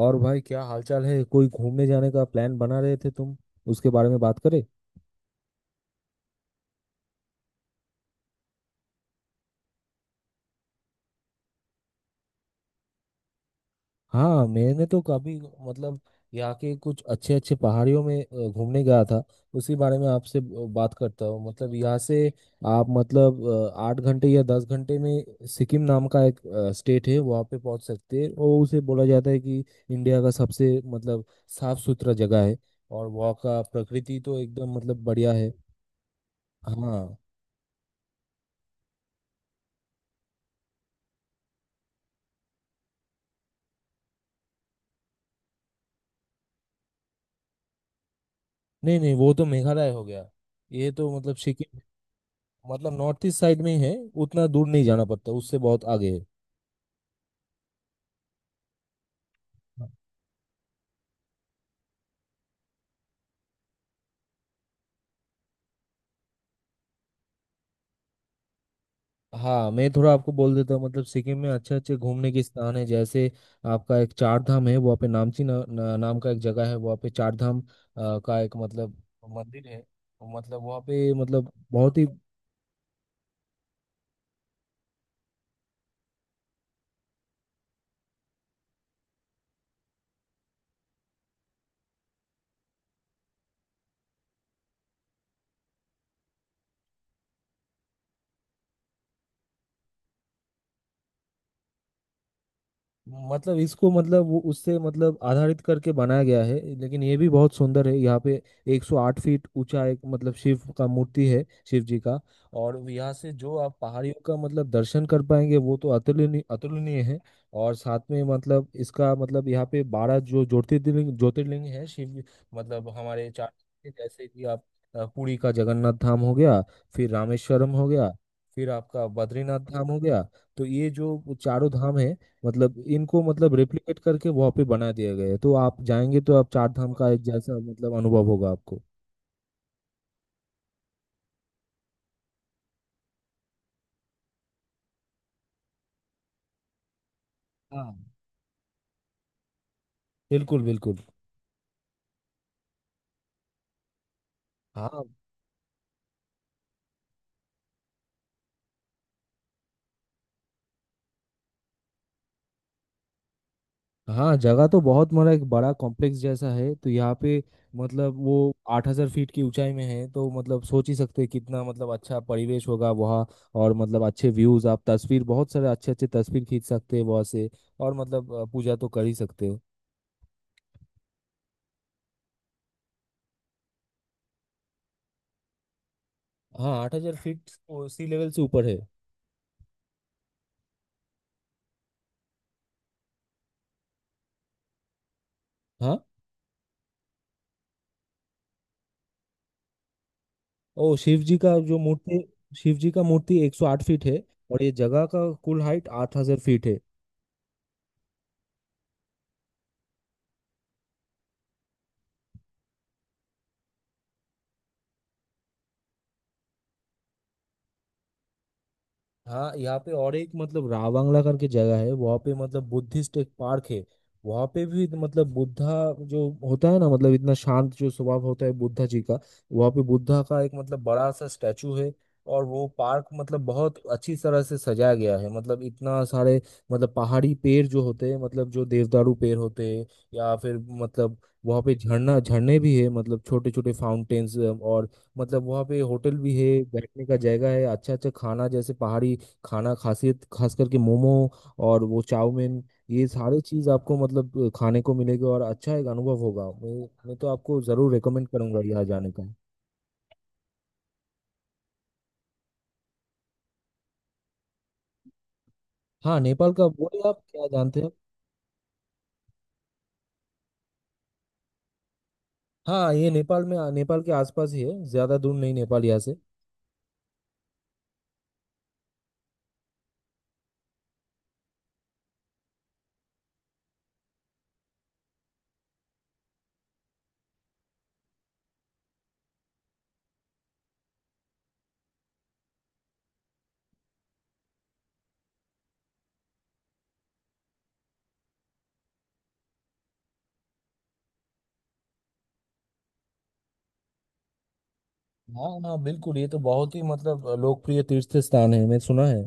और भाई क्या हालचाल है? कोई घूमने जाने का प्लान बना रहे थे तुम, उसके बारे में बात करें। हाँ, मैंने तो काफी मतलब यहाँ के कुछ अच्छे अच्छे पहाड़ियों में घूमने गया था। उसी बारे में आपसे बात करता हूँ। मतलब यहाँ से आप मतलब 8 घंटे या 10 घंटे में सिक्किम नाम का एक स्टेट है, वहाँ पे पहुँच सकते हैं। और उसे बोला जाता है कि इंडिया का सबसे मतलब साफ सुथरा जगह है। और वहाँ का प्रकृति तो एकदम मतलब बढ़िया है। हाँ, नहीं नहीं वो तो मेघालय हो गया। ये तो मतलब सिक्किम मतलब नॉर्थ ईस्ट साइड में ही है। उतना दूर नहीं जाना पड़ता, उससे बहुत आगे है। हाँ, मैं थोड़ा आपको बोल देता हूँ। मतलब सिक्किम में अच्छे अच्छे घूमने के स्थान है। जैसे आपका एक चार धाम है वहाँ पे। नामची ना, ना, नाम का एक जगह है, वहाँ पे चार धाम का एक मतलब मंदिर है। मतलब वहाँ पे मतलब बहुत ही मतलब इसको मतलब वो उससे मतलब आधारित करके बनाया गया है, लेकिन ये भी बहुत सुंदर है। यहाँ पे 108 फीट ऊंचा एक मतलब शिव का मूर्ति है, शिव जी का। और यहाँ से जो आप पहाड़ियों का मतलब दर्शन कर पाएंगे, वो तो अतुलनीय अतुलनीय है। और साथ में मतलब इसका मतलब यहाँ पे 12 जो ज्योतिर्लिंग ज्योतिर्लिंग है शिव, मतलब हमारे चार। जैसे कि आप पुरी का जगन्नाथ धाम हो गया, फिर रामेश्वरम हो गया, फिर आपका बद्रीनाथ धाम हो गया। तो ये जो चारों धाम है, मतलब इनको मतलब रेप्लिकेट करके वहाँ पे बना दिया गया है। तो आप जाएंगे तो आप चार धाम का एक जैसा मतलब अनुभव होगा आपको। हाँ, बिल्कुल बिल्कुल। हाँ, हाँ, जगह तो बहुत बड़ा, एक बड़ा कॉम्प्लेक्स जैसा है। तो यहाँ पे मतलब वो 8000 फीट की ऊंचाई में है। तो मतलब सोच ही सकते हैं कितना मतलब अच्छा परिवेश होगा वहाँ। और मतलब अच्छे व्यूज, आप तस्वीर, बहुत सारे अच्छे अच्छे तस्वीर खींच सकते हैं वहाँ से। और मतलब पूजा तो कर ही सकते हो। हाँ, 8000 फीट सी लेवल से ऊपर है। हाँ। ओ, शिव जी का जो मूर्ति, शिव जी का मूर्ति 108 फीट है। और ये जगह का कुल हाइट 8000 फीट है। हाँ, यहाँ पे और एक मतलब रावंगला करके जगह है। वहाँ पे मतलब बुद्धिस्ट एक पार्क है। वहाँ पे भी मतलब बुद्धा जो होता है ना, मतलब इतना शांत जो स्वभाव होता है बुद्धा जी का, वहाँ पे बुद्धा का एक मतलब बड़ा सा स्टैचू है। और वो पार्क मतलब बहुत अच्छी तरह से सजाया गया है। मतलब इतना सारे मतलब पहाड़ी पेड़ जो होते हैं, मतलब जो देवदारू पेड़ होते हैं, या फिर मतलब वहाँ पे झरना झरने भी है, मतलब छोटे छोटे फाउंटेन्स। और मतलब वहाँ पे होटल भी है, बैठने का जगह है। अच्छा अच्छा खाना, जैसे पहाड़ी खाना, खासियत खास करके मोमो और वो चाउमीन, ये सारे चीज आपको मतलब खाने को मिलेगी। और अच्छा एक अनुभव होगा, मैं तो आपको जरूर रेकमेंड करूंगा यहाँ जाने का। हाँ, नेपाल का बोलिए, आप क्या जानते हैं। हाँ, ये नेपाल में, नेपाल के आसपास ही है। ज्यादा दूर नहीं नेपाल यहाँ से। हाँ हाँ, बिल्कुल, ये तो बहुत ही मतलब लोकप्रिय तीर्थ स्थान है, मैं सुना है।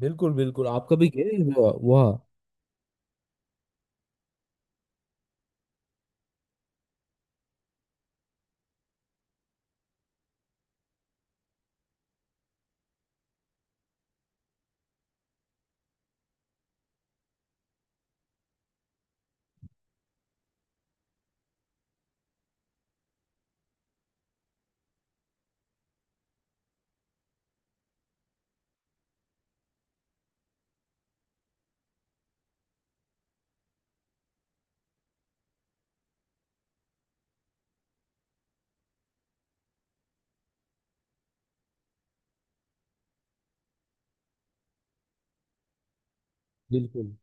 बिल्कुल बिल्कुल, आप कभी गए हैं वहाँ? बिल्कुल,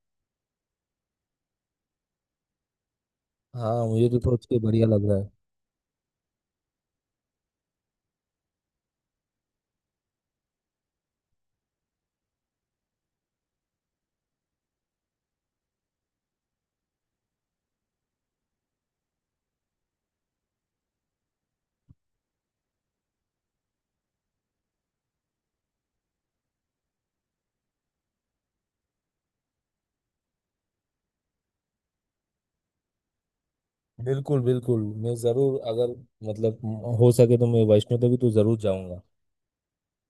हाँ, मुझे तो सोच के बढ़िया लग रहा है। बिल्कुल बिल्कुल, मैं ज़रूर, अगर मतलब हो सके तो मैं वैष्णो देवी तो ज़रूर जाऊंगा।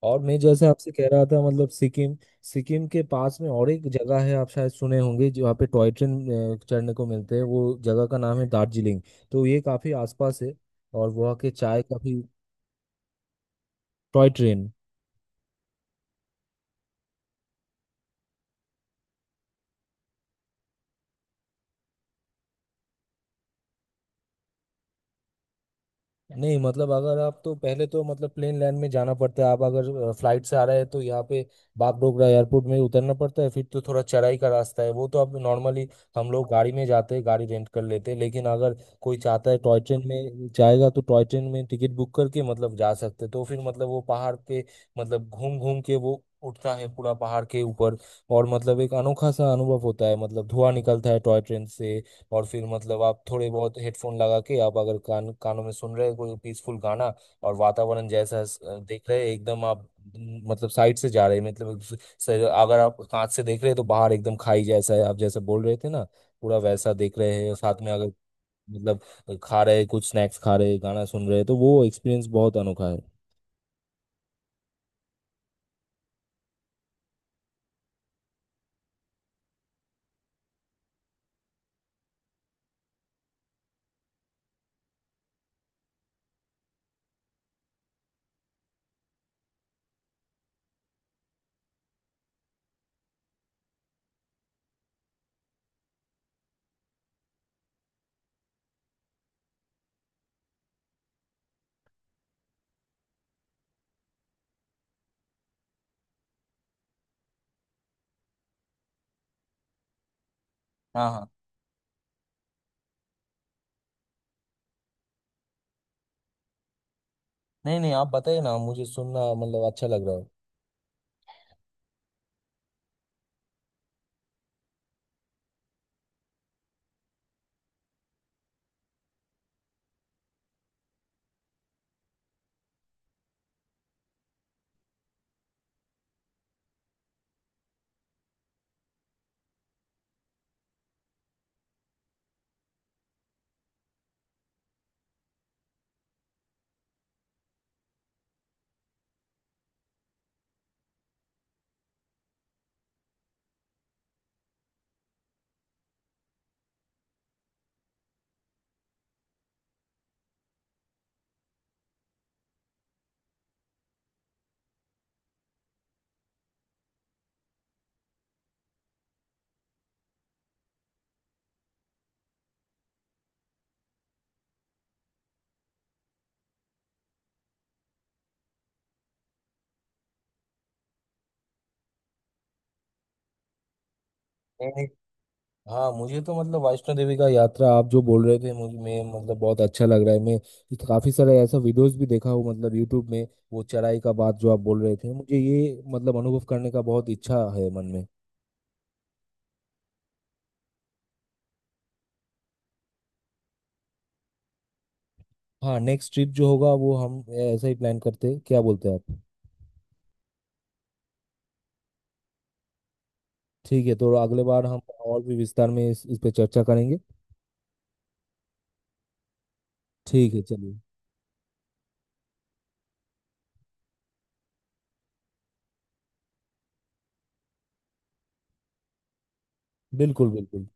और मैं जैसे आपसे कह रहा था मतलब सिक्किम, सिक्किम के पास में और एक जगह है, आप शायद सुने होंगे, जो वहाँ पे टॉय ट्रेन चढ़ने को मिलते हैं, वो जगह का नाम है दार्जिलिंग। तो ये काफ़ी आसपास है। और वहाँ के चाय काफ़ी। Toy train. नहीं, मतलब अगर आप तो पहले तो मतलब प्लेन लैंड में जाना पड़ता है। आप अगर फ्लाइट से आ रहे हैं तो यहाँ पे बागडोगरा एयरपोर्ट में उतरना पड़ता है। फिर तो थोड़ा चढ़ाई का रास्ता है, वो तो आप नॉर्मली, हम लोग गाड़ी में जाते हैं, गाड़ी रेंट कर लेते हैं। लेकिन अगर कोई चाहता है टॉय ट्रेन में जाएगा तो टॉय ट्रेन में टिकट बुक करके मतलब जा सकते हैं। तो फिर मतलब वो पहाड़ पे मतलब घूम घूम के वो उठता है पूरा पहाड़ के ऊपर। और मतलब एक अनोखा सा अनुभव होता है, मतलब धुआं निकलता है टॉय ट्रेन से। और फिर मतलब आप थोड़े बहुत हेडफोन लगा के आप अगर कानों में सुन रहे हैं कोई पीसफुल गाना, और वातावरण जैसा देख रहे हैं एकदम आप, मतलब साइड से जा रहे हैं, अगर आप कांच से देख रहे हैं तो बाहर एकदम खाई जैसा है, आप जैसे बोल रहे थे ना, पूरा वैसा देख रहे हैं। साथ में अगर मतलब खा रहे हैं कुछ स्नैक्स, खा रहे हैं, गाना सुन रहे हैं, तो वो एक्सपीरियंस बहुत अनोखा है। हाँ हाँ। नहीं नहीं, आप बताइए ना, मुझे सुनना मतलब अच्छा लग रहा है। नहीं नहीं, हाँ, मुझे तो मतलब वैष्णो देवी का यात्रा आप जो बोल रहे थे, मुझे मैं मतलब बहुत अच्छा लग रहा है। काफी सारे ऐसा वीडियोस भी देखा हूँ मतलब यूट्यूब में। वो चढ़ाई का बात जो आप बोल रहे थे, मुझे ये मतलब अनुभव करने का बहुत इच्छा है मन में। हाँ, नेक्स्ट ट्रिप जो होगा वो हम ऐसा ही प्लान करते हैं, क्या बोलते हैं आप? ठीक है, तो अगले बार हम और भी विस्तार में इस पे चर्चा करेंगे। ठीक है, चलिए। बिल्कुल बिल्कुल।